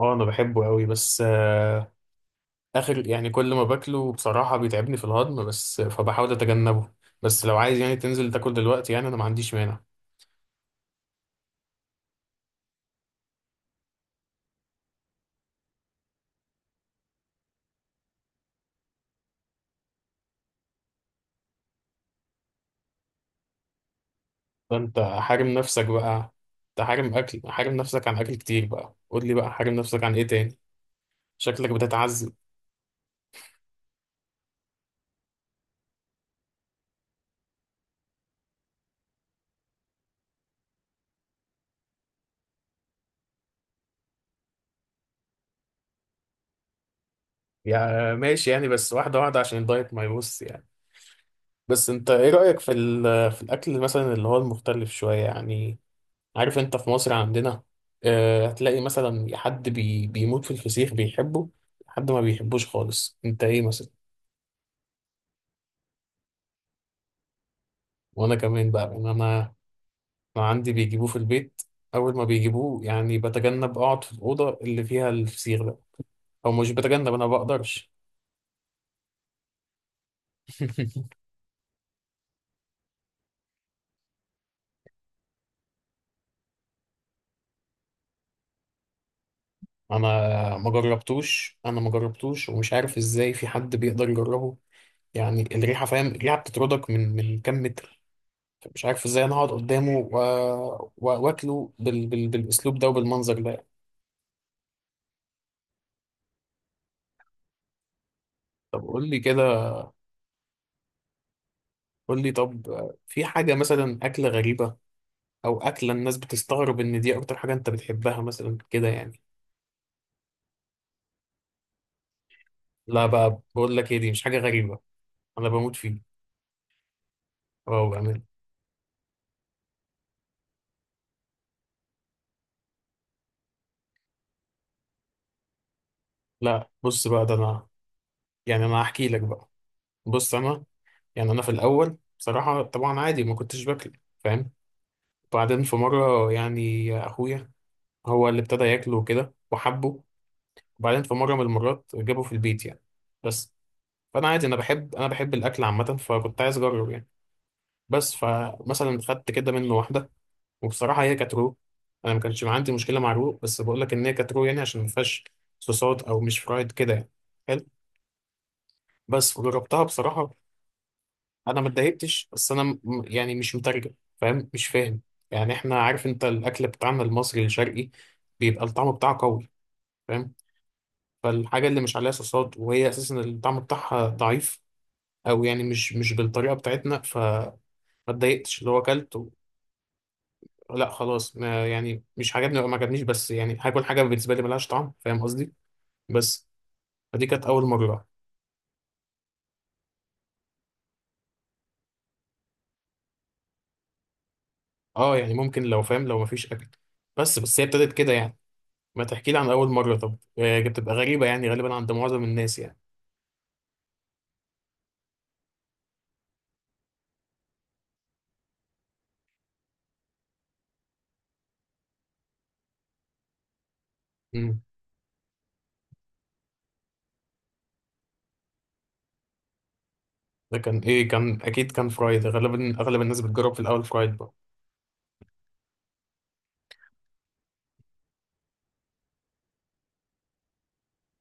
اه، انا بحبه قوي بس اخر يعني كل ما باكله بصراحة بيتعبني في الهضم، بس فبحاول اتجنبه. بس لو عايز يعني تنزل تاكل دلوقتي، يعني انا ما عنديش مانع. فانت حارم نفسك بقى. انت حارم اكل، حارم نفسك عن اكل كتير، بقى قول لي بقى حارم نفسك عن ايه تاني؟ شكلك بتتعذب. يا ماشي يعني، بس واحدة واحدة عشان الدايت ما يبص يعني. بس انت ايه رأيك في في الاكل مثلا اللي هو المختلف شوية يعني؟ عارف انت في مصر عندنا هتلاقي مثلا حد بيموت في الفسيخ بيحبه، حد ما بيحبوش خالص. انت ايه مثلا؟ وانا كمان بقى، يعني انا عندي بيجيبوه في البيت. اول ما بيجيبوه يعني بتجنب اقعد في الاوضه اللي فيها الفسيخ ده، او مش بتجنب، انا ما بقدرش. انا انا ما جربتوش ومش عارف ازاي في حد بيقدر يجربه. يعني الريحه، فاهم؟ الريحه بتطردك من كام متر. مش عارف ازاي انا هقعد قدامه واكله بالاسلوب ده وبالمنظر ده يعني. طب قول لي كده، قول لي طب، في حاجه مثلا اكله غريبه، او اكله الناس بتستغرب ان دي اكتر حاجه انت بتحبها مثلا كده يعني؟ لا بقى، بقول لك ايه، دي مش حاجه غريبه، انا بموت فيه. اه بامان. لا بص بقى، ده انا يعني انا هحكي لك بقى. بص انا، يعني انا في الاول بصراحه طبعا عادي ما كنتش باكل، فاهم؟ بعدين في مره يعني اخويا هو اللي ابتدى ياكله كده وحبه، وبعدين في مرة من المرات جابه في البيت يعني. بس، فأنا عادي، أنا بحب الأكل عامة، فكنت عايز أجرب يعني. بس فمثلا خدت كده منه واحدة، وبصراحة هي كانت رو. أنا ما كانش عندي مشكلة مع رو، بس بقول لك إن هي كانت رو يعني عشان ما فيهاش صوصات، أو مش فرايد كده يعني، حلو. بس وجربتها بصراحة، أنا ما اتضايقتش، بس أنا يعني مش مترجم، فاهم مش فاهم؟ يعني إحنا عارف أنت الأكل بتاعنا المصري الشرقي بيبقى الطعم بتاعه قوي، فاهم؟ فالحاجة اللي مش عليها صوصات وهي أساسا الطعم بتاعها ضعيف، او يعني مش بالطريقه بتاعتنا، فما اتضايقتش. اللي هو اكلت لا خلاص، ما يعني مش عجبني أو ما عجبنيش، بس يعني هاكل حاجه بالنسبه لي ملهاش طعم، فاهم قصدي؟ بس فدي كانت اول مره. اه يعني ممكن، لو فاهم، لو ما فيش اكل. بس هي ابتدت كده يعني. ما تحكي لي عن اول مره طب، بتبقى غريبه يعني غالبا عند معظم الناس يعني. امم ده كان ايه؟ كان اكيد كان فرايد غالبا، اغلب الناس بتجرب في الاول فرايد بقى.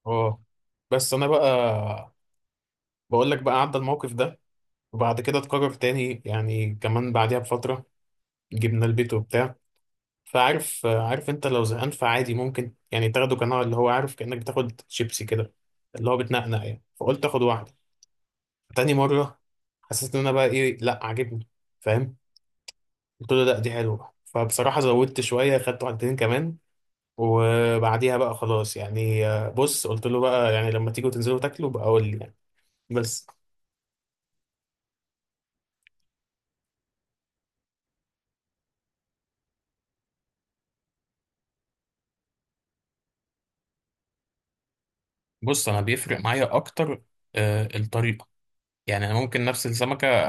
اه. بس انا بقى، بقول لك بقى، عدى الموقف ده وبعد كده اتكرر تاني يعني، كمان بعديها بفتره جبناه البيت وبتاع. فعارف انت لو زهقان، فعادي ممكن يعني تاخده كنوع اللي هو، عارف، كأنك بتاخد شيبسي كده، اللي هو بتنقنق يعني. فقلت اخد واحدة تاني مرة، حسيت ان انا بقى، ايه، لا عاجبني، فاهم؟ قلت له لا دي حلوة، فبصراحة زودت شوية، خدت واحدتين كمان. وبعديها بقى خلاص يعني، بص قلت له بقى يعني لما تيجوا تنزلوا تاكلوا بقى قول لي يعني. بس. بص انا بيفرق معايا اكتر الطريقة. يعني انا ممكن نفس السمكه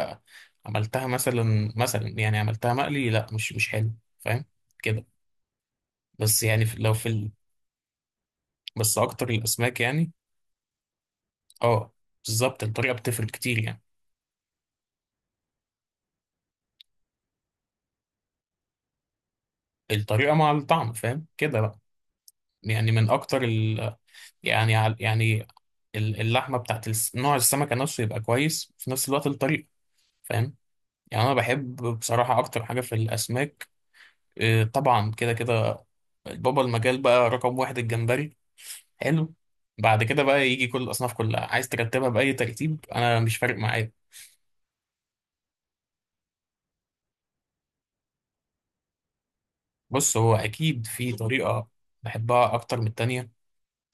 عملتها مثلا، يعني عملتها مقلي، لا مش حلو، فاهم كده؟ بس يعني في، لو في بس اكتر الاسماك يعني. اه بالظبط الطريقه بتفرق كتير يعني، الطريقه مع الطعم، فاهم كده بقى. يعني من اكتر يعني يعني اللحمه بتاعت نوع السمكه نفسه يبقى كويس، في نفس الوقت الطريقه، فاهم؟ يعني انا بحب بصراحه اكتر حاجه في الاسماك، طبعا كده كده، بابا المجال بقى رقم واحد، الجمبري. حلو. بعد كده بقى يجي كل الاصناف كلها، عايز ترتبها باي ترتيب، انا مش فارق معايا. بص هو اكيد في طريقه بحبها اكتر من التانية،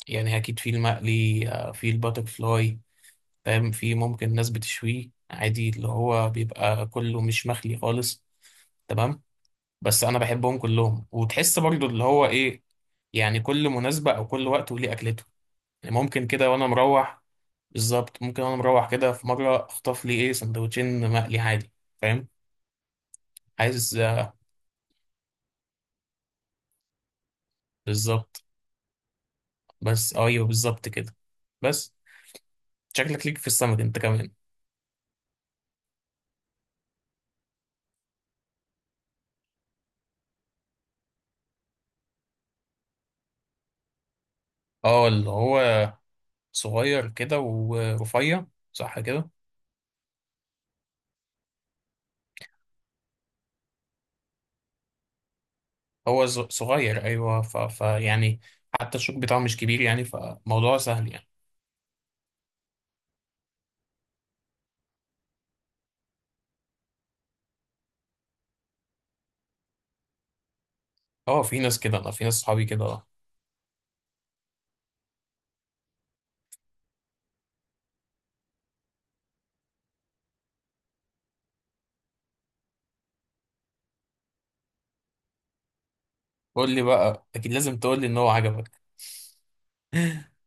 يعني اكيد في المقلي، في الباتر فلاي، فاهم؟ في ممكن ناس بتشويه عادي، اللي هو بيبقى كله مش مخلي خالص، تمام؟ بس انا بحبهم كلهم، وتحس برضو اللي هو ايه، يعني كل مناسبه او كل وقت وليه اكلته. يعني ممكن كده وانا مروح، بالظبط، ممكن وانا مروح كده في مره اخطف لي ايه سندوتشين مقلي عادي، فاهم؟ عايز، بالظبط. بس اه ايوه بالظبط كده. بس شكلك ليك في السمك انت كمان. اه اللي هو صغير كده ورفيع، صح كده؟ هو صغير ايوه، ف... ف يعني حتى الشوك بتاعه مش كبير يعني، فموضوع سهل يعني. اه في ناس كده، انا في ناس صحابي كده اه. قول لي بقى، اكيد لازم تقول لي ان هو عجبك.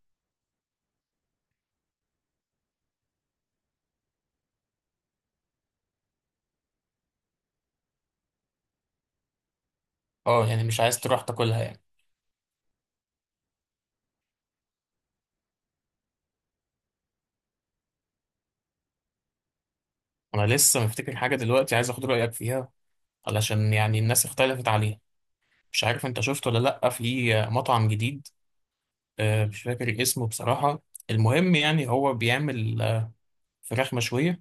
اه يعني مش عايز تروح تاكلها يعني. انا لسه مفتكر حاجه دلوقتي، عايز اخد رايك فيها علشان يعني الناس اختلفت عليها. مش عارف انت شفت ولا لا في مطعم جديد؟ مش فاكر اسمه بصراحة. المهم يعني هو بيعمل فراخ مشوية،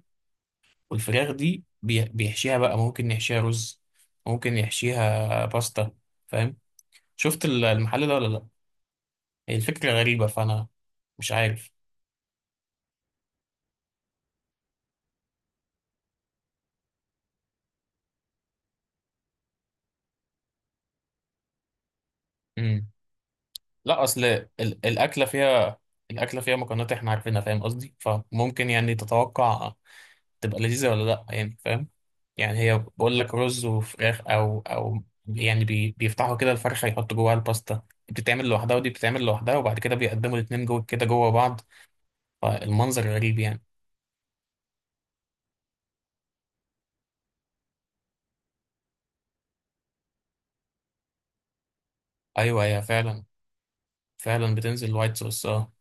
والفراخ دي بيحشيها بقى، ممكن يحشيها رز، ممكن يحشيها باستا، فاهم؟ شفت المحل ده ولا لا؟ هي الفكرة غريبة، فأنا مش عارف. مم. لا أصل الأكلة فيها، الأكلة فيها مكونات إحنا عارفينها، فاهم قصدي؟ فممكن يعني تتوقع تبقى لذيذة ولا لا، يعني فاهم. يعني هي، بقول لك، رز وفراخ، او يعني بيفتحوا كده الفرخه، يحطوا جواها الباستا. دي بتتعمل لوحدها، ودي بتتعمل لوحدها، وبعد كده بيقدموا الاتنين جوه كده جوه بعض، فالمنظر غريب يعني. ايوه هي فعلا، فعلا بتنزل وايت صوص، اه.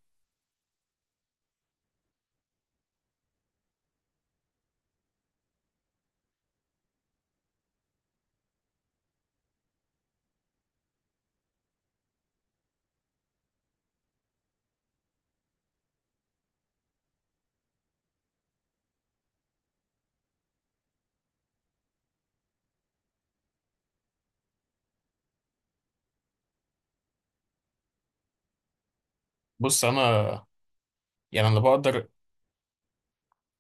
بص انا، يعني انا بقدر،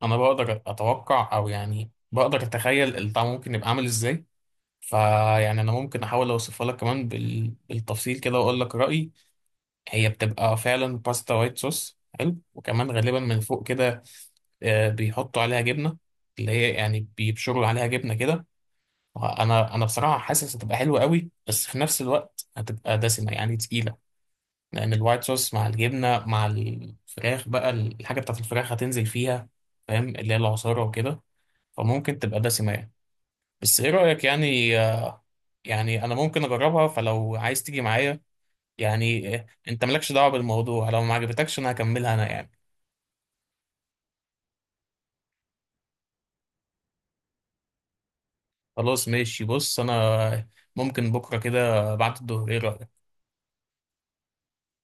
اتوقع، او يعني بقدر اتخيل الطعم ممكن يبقى عامل ازاي. فيعني انا ممكن احاول اوصفها لك كمان بالتفصيل كده واقول لك رايي. هي بتبقى فعلا باستا وايت صوص حلو، وكمان غالبا من فوق كده، بيحطوا عليها جبنه، اللي هي يعني بيبشروا عليها جبنه كده. انا بصراحه حاسس هتبقى حلوه قوي، بس في نفس الوقت هتبقى دسمه يعني تقيله، لان الوايت صوص مع الجبنه مع الفراخ بقى، الحاجه بتاعت الفراخ هتنزل فيها، فاهم؟ اللي هي العصاره وكده، فممكن تبقى دسمه يعني. بس ايه رايك يعني؟ يعني انا ممكن اجربها، فلو عايز تيجي معايا يعني، انت مالكش دعوه بالموضوع، لو ما عجبتكش انا هكملها انا يعني. خلاص ماشي. بص انا ممكن بكره كده بعد الظهر، ايه رايك؟